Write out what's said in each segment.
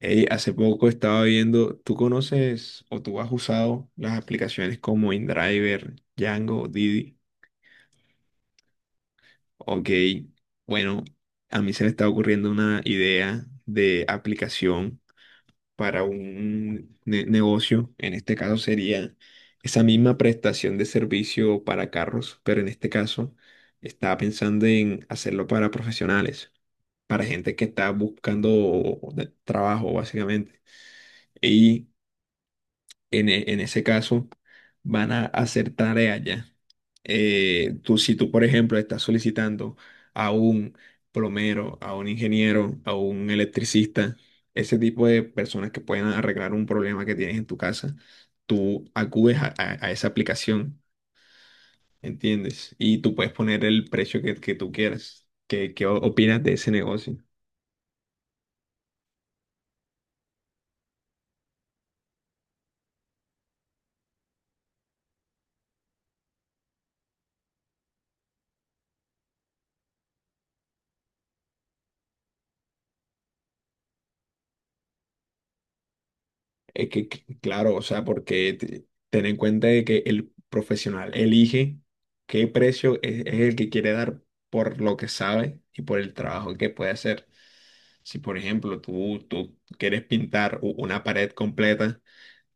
Ey, hace poco estaba viendo, ¿tú conoces o tú has usado las aplicaciones como InDriver, Django, Didi? Ok, bueno, a mí se me está ocurriendo una idea de aplicación para un negocio. En este caso sería esa misma prestación de servicio para carros, pero en este caso estaba pensando en hacerlo para profesionales, para gente que está buscando trabajo básicamente. Y en ese caso van a hacer tareas ya. Si tú, por ejemplo, estás solicitando a un plomero, a un ingeniero, a un electricista, ese tipo de personas que pueden arreglar un problema que tienes en tu casa, tú acudes a esa aplicación, ¿entiendes? Y tú puedes poner el precio que tú quieras. ¿Qué opinas de ese negocio? Claro, o sea, porque ten en cuenta de que el profesional elige qué precio es el que quiere dar por lo que sabe y por el trabajo que puede hacer. Si, por ejemplo, tú quieres pintar una pared completa,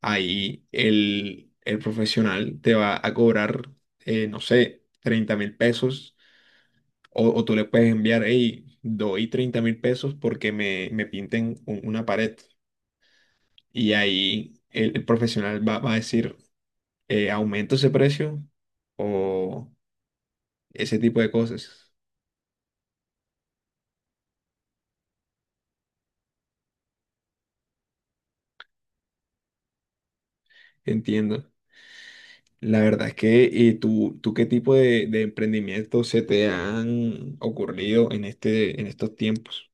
ahí el profesional te va a cobrar, no sé, 30.000 pesos. O tú le puedes enviar, hey, doy 30.000 pesos porque me pinten una pared. Y ahí el profesional va a decir, aumento ese precio o ese tipo de cosas. Entiendo. La verdad es que, ¿y tú qué tipo de emprendimientos se te han ocurrido en en estos tiempos?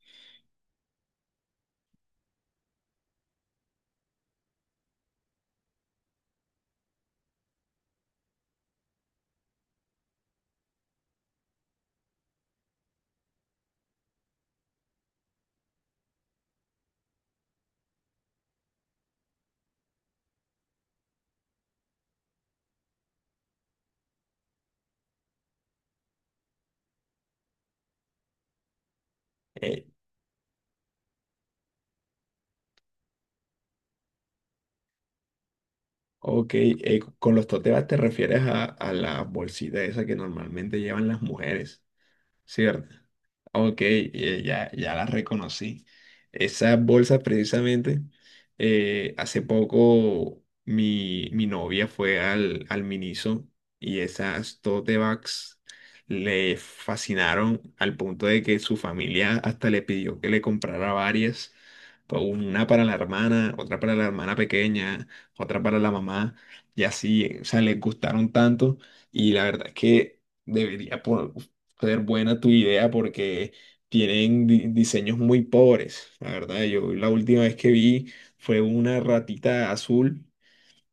Eh, ok, con los tote bags te refieres a- a la bolsita esa que normalmente llevan las mujeres, ¿cierto? Ok, ya las reconocí. Esas bolsas precisamente, hace poco mi novia fue al Miniso y esas tote bags le fascinaron al punto de que su familia hasta le pidió que le comprara varias, una para la hermana, otra para la hermana pequeña, otra para la mamá y así, o sea, les gustaron tanto y la verdad es que debería ser buena tu idea porque tienen diseños muy pobres. La verdad, yo la última vez que vi fue una ratita azul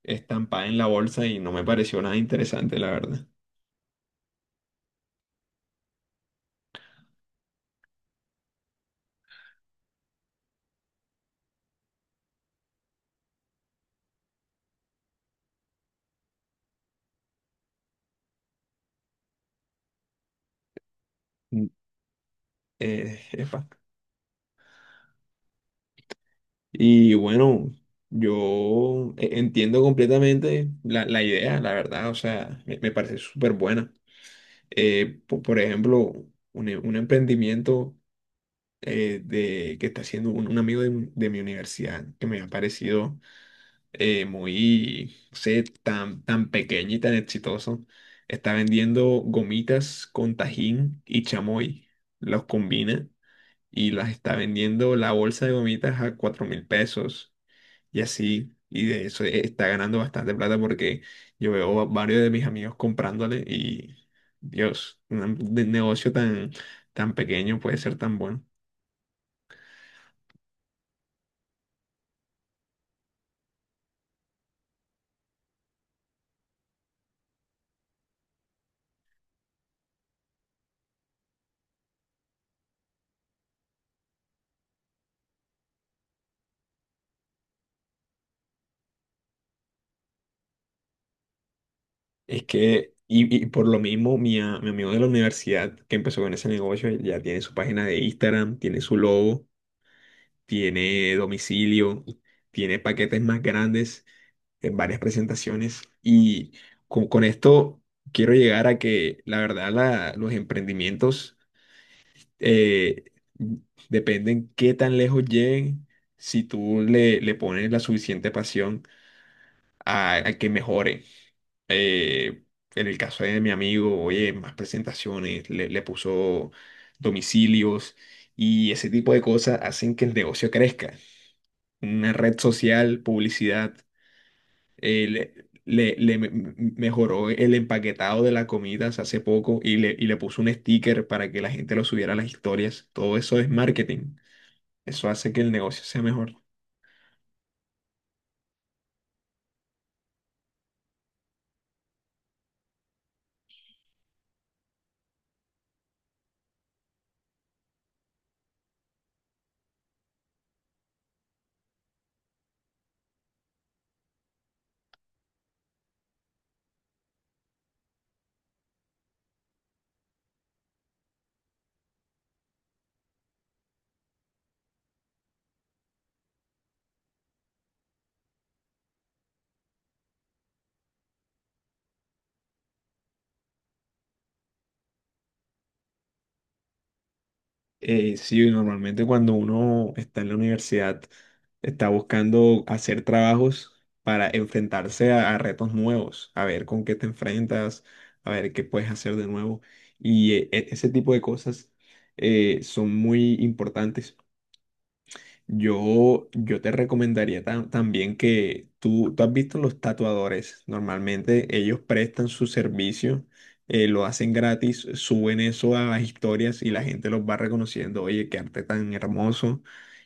estampada en la bolsa y no me pareció nada interesante, la verdad. Mm. Epa. Y bueno, yo entiendo completamente la idea, la verdad, o sea, me parece súper buena. Por ejemplo, un emprendimiento que está haciendo un amigo de mi universidad que me ha parecido muy, no sé, tan pequeño y tan exitoso, está vendiendo gomitas con tajín y chamoy. Los combina y las está vendiendo la bolsa de gomitas a 4.000 pesos y así. Y de eso está ganando bastante plata porque yo veo a varios de mis amigos comprándole y, Dios, un negocio tan, tan pequeño puede ser tan bueno. Es que, y por lo mismo, mi amigo de la universidad que empezó con ese negocio ya tiene su página de Instagram, tiene su logo, tiene domicilio, tiene paquetes más grandes en varias presentaciones. Y con esto quiero llegar a que, la verdad, los emprendimientos eh, dependen qué tan lejos lleguen si tú le pones la suficiente pasión a que mejore. Eh, en el caso de mi amigo, oye, más presentaciones, le puso domicilios y ese tipo de cosas hacen que el negocio crezca. Una red social, publicidad, mejoró el empaquetado de las comidas hace poco y le puso un sticker para que la gente lo subiera a las historias. Todo eso es marketing. Eso hace que el negocio sea mejor. Sí, normalmente cuando uno está en la universidad está buscando hacer trabajos para enfrentarse a retos nuevos, a ver con qué te enfrentas, a ver qué puedes hacer de nuevo. Y ese tipo de cosas son muy importantes. Yo te recomendaría también que tú has visto los tatuadores. Normalmente ellos prestan su servicio, lo hacen gratis, suben eso a las historias y la gente los va reconociendo. Oye, qué arte tan hermoso,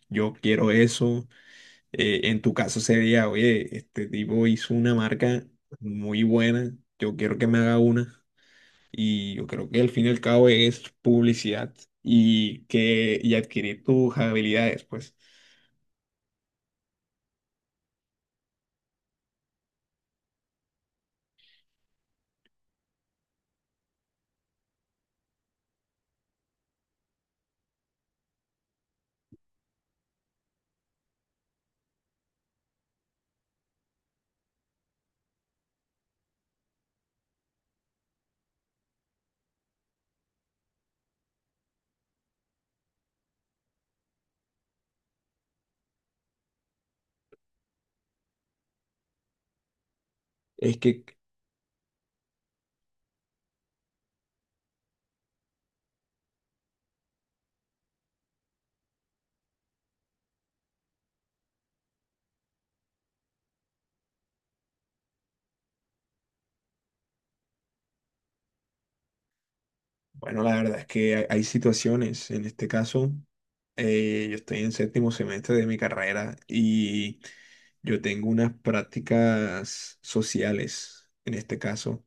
yo quiero eso. En tu caso sería, oye, este tipo hizo una marca muy buena, yo quiero que me haga una. Y yo creo que al fin y al cabo es publicidad y adquirir tus habilidades, pues. Es que Bueno, la verdad es que hay situaciones. En este caso, yo estoy en séptimo semestre de mi carrera y yo tengo unas prácticas sociales, en este caso,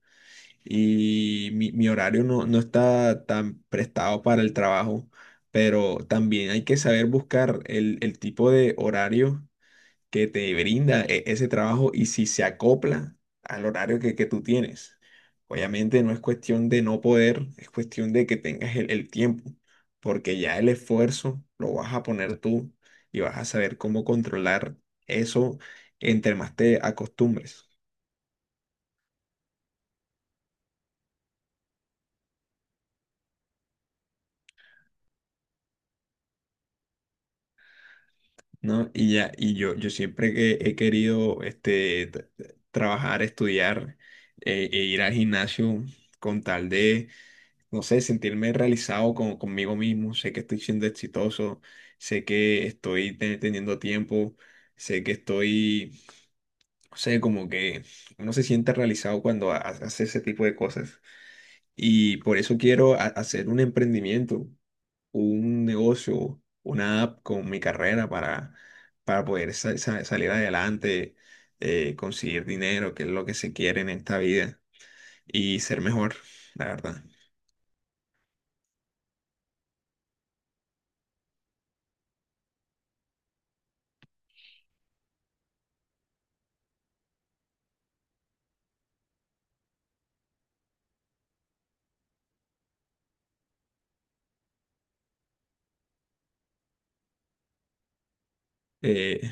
y mi horario no está tan prestado para el trabajo, pero también hay que saber buscar el tipo de horario que te brinda ese trabajo y si se acopla al horario que tú tienes. Obviamente no es cuestión de no poder, es cuestión de que tengas el tiempo, porque ya el esfuerzo lo vas a poner tú y vas a saber cómo controlar eso entre más te acostumbres, ¿no? Y yo siempre que he querido trabajar, estudiar e ir al gimnasio con tal de no sé, sentirme realizado con, conmigo mismo, sé que estoy siendo exitoso, sé que estoy teniendo tiempo, sé que estoy, no sé, como que uno se siente realizado cuando hace ese tipo de cosas. Y por eso quiero hacer un emprendimiento, un negocio, una app con mi carrera para poder salir adelante, conseguir dinero, que es lo que se quiere en esta vida, y ser mejor, la verdad. Eh,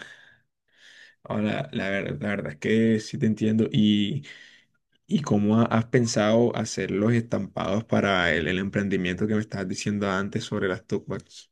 Ahora, la verdad es que sí te entiendo. Y cómo has pensado hacer los estampados para el emprendimiento que me estabas diciendo antes sobre las tote bags?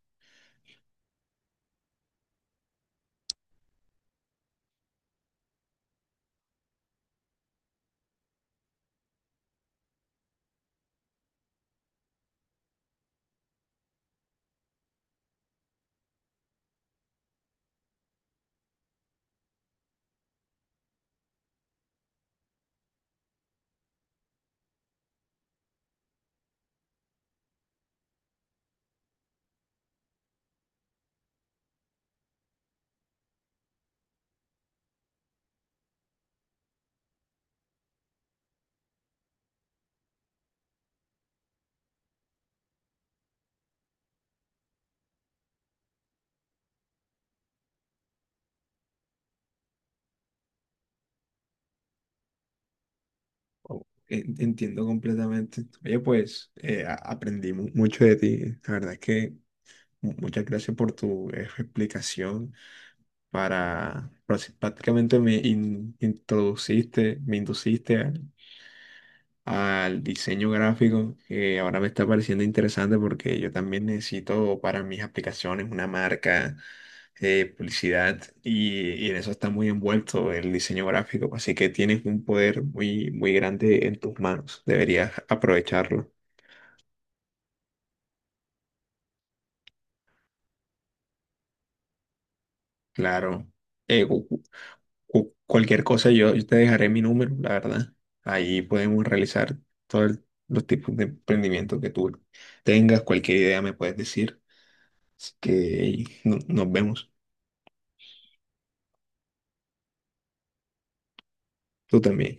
Oh, entiendo completamente. Oye, pues aprendí mucho de ti. La verdad es que muchas gracias por tu explicación. Prácticamente me introduciste, me induciste al diseño gráfico, que ahora me está pareciendo interesante porque yo también necesito para mis aplicaciones una marca, publicidad, y en eso está muy envuelto el diseño gráfico, así que tienes un poder muy, muy grande en tus manos, deberías aprovecharlo. Claro, Eh, cu- cu- cualquier cosa yo te dejaré mi número, la verdad, ahí podemos realizar todos los tipos de emprendimiento que tú tengas, cualquier idea me puedes decir, así que hey, nos vemos. Tú también.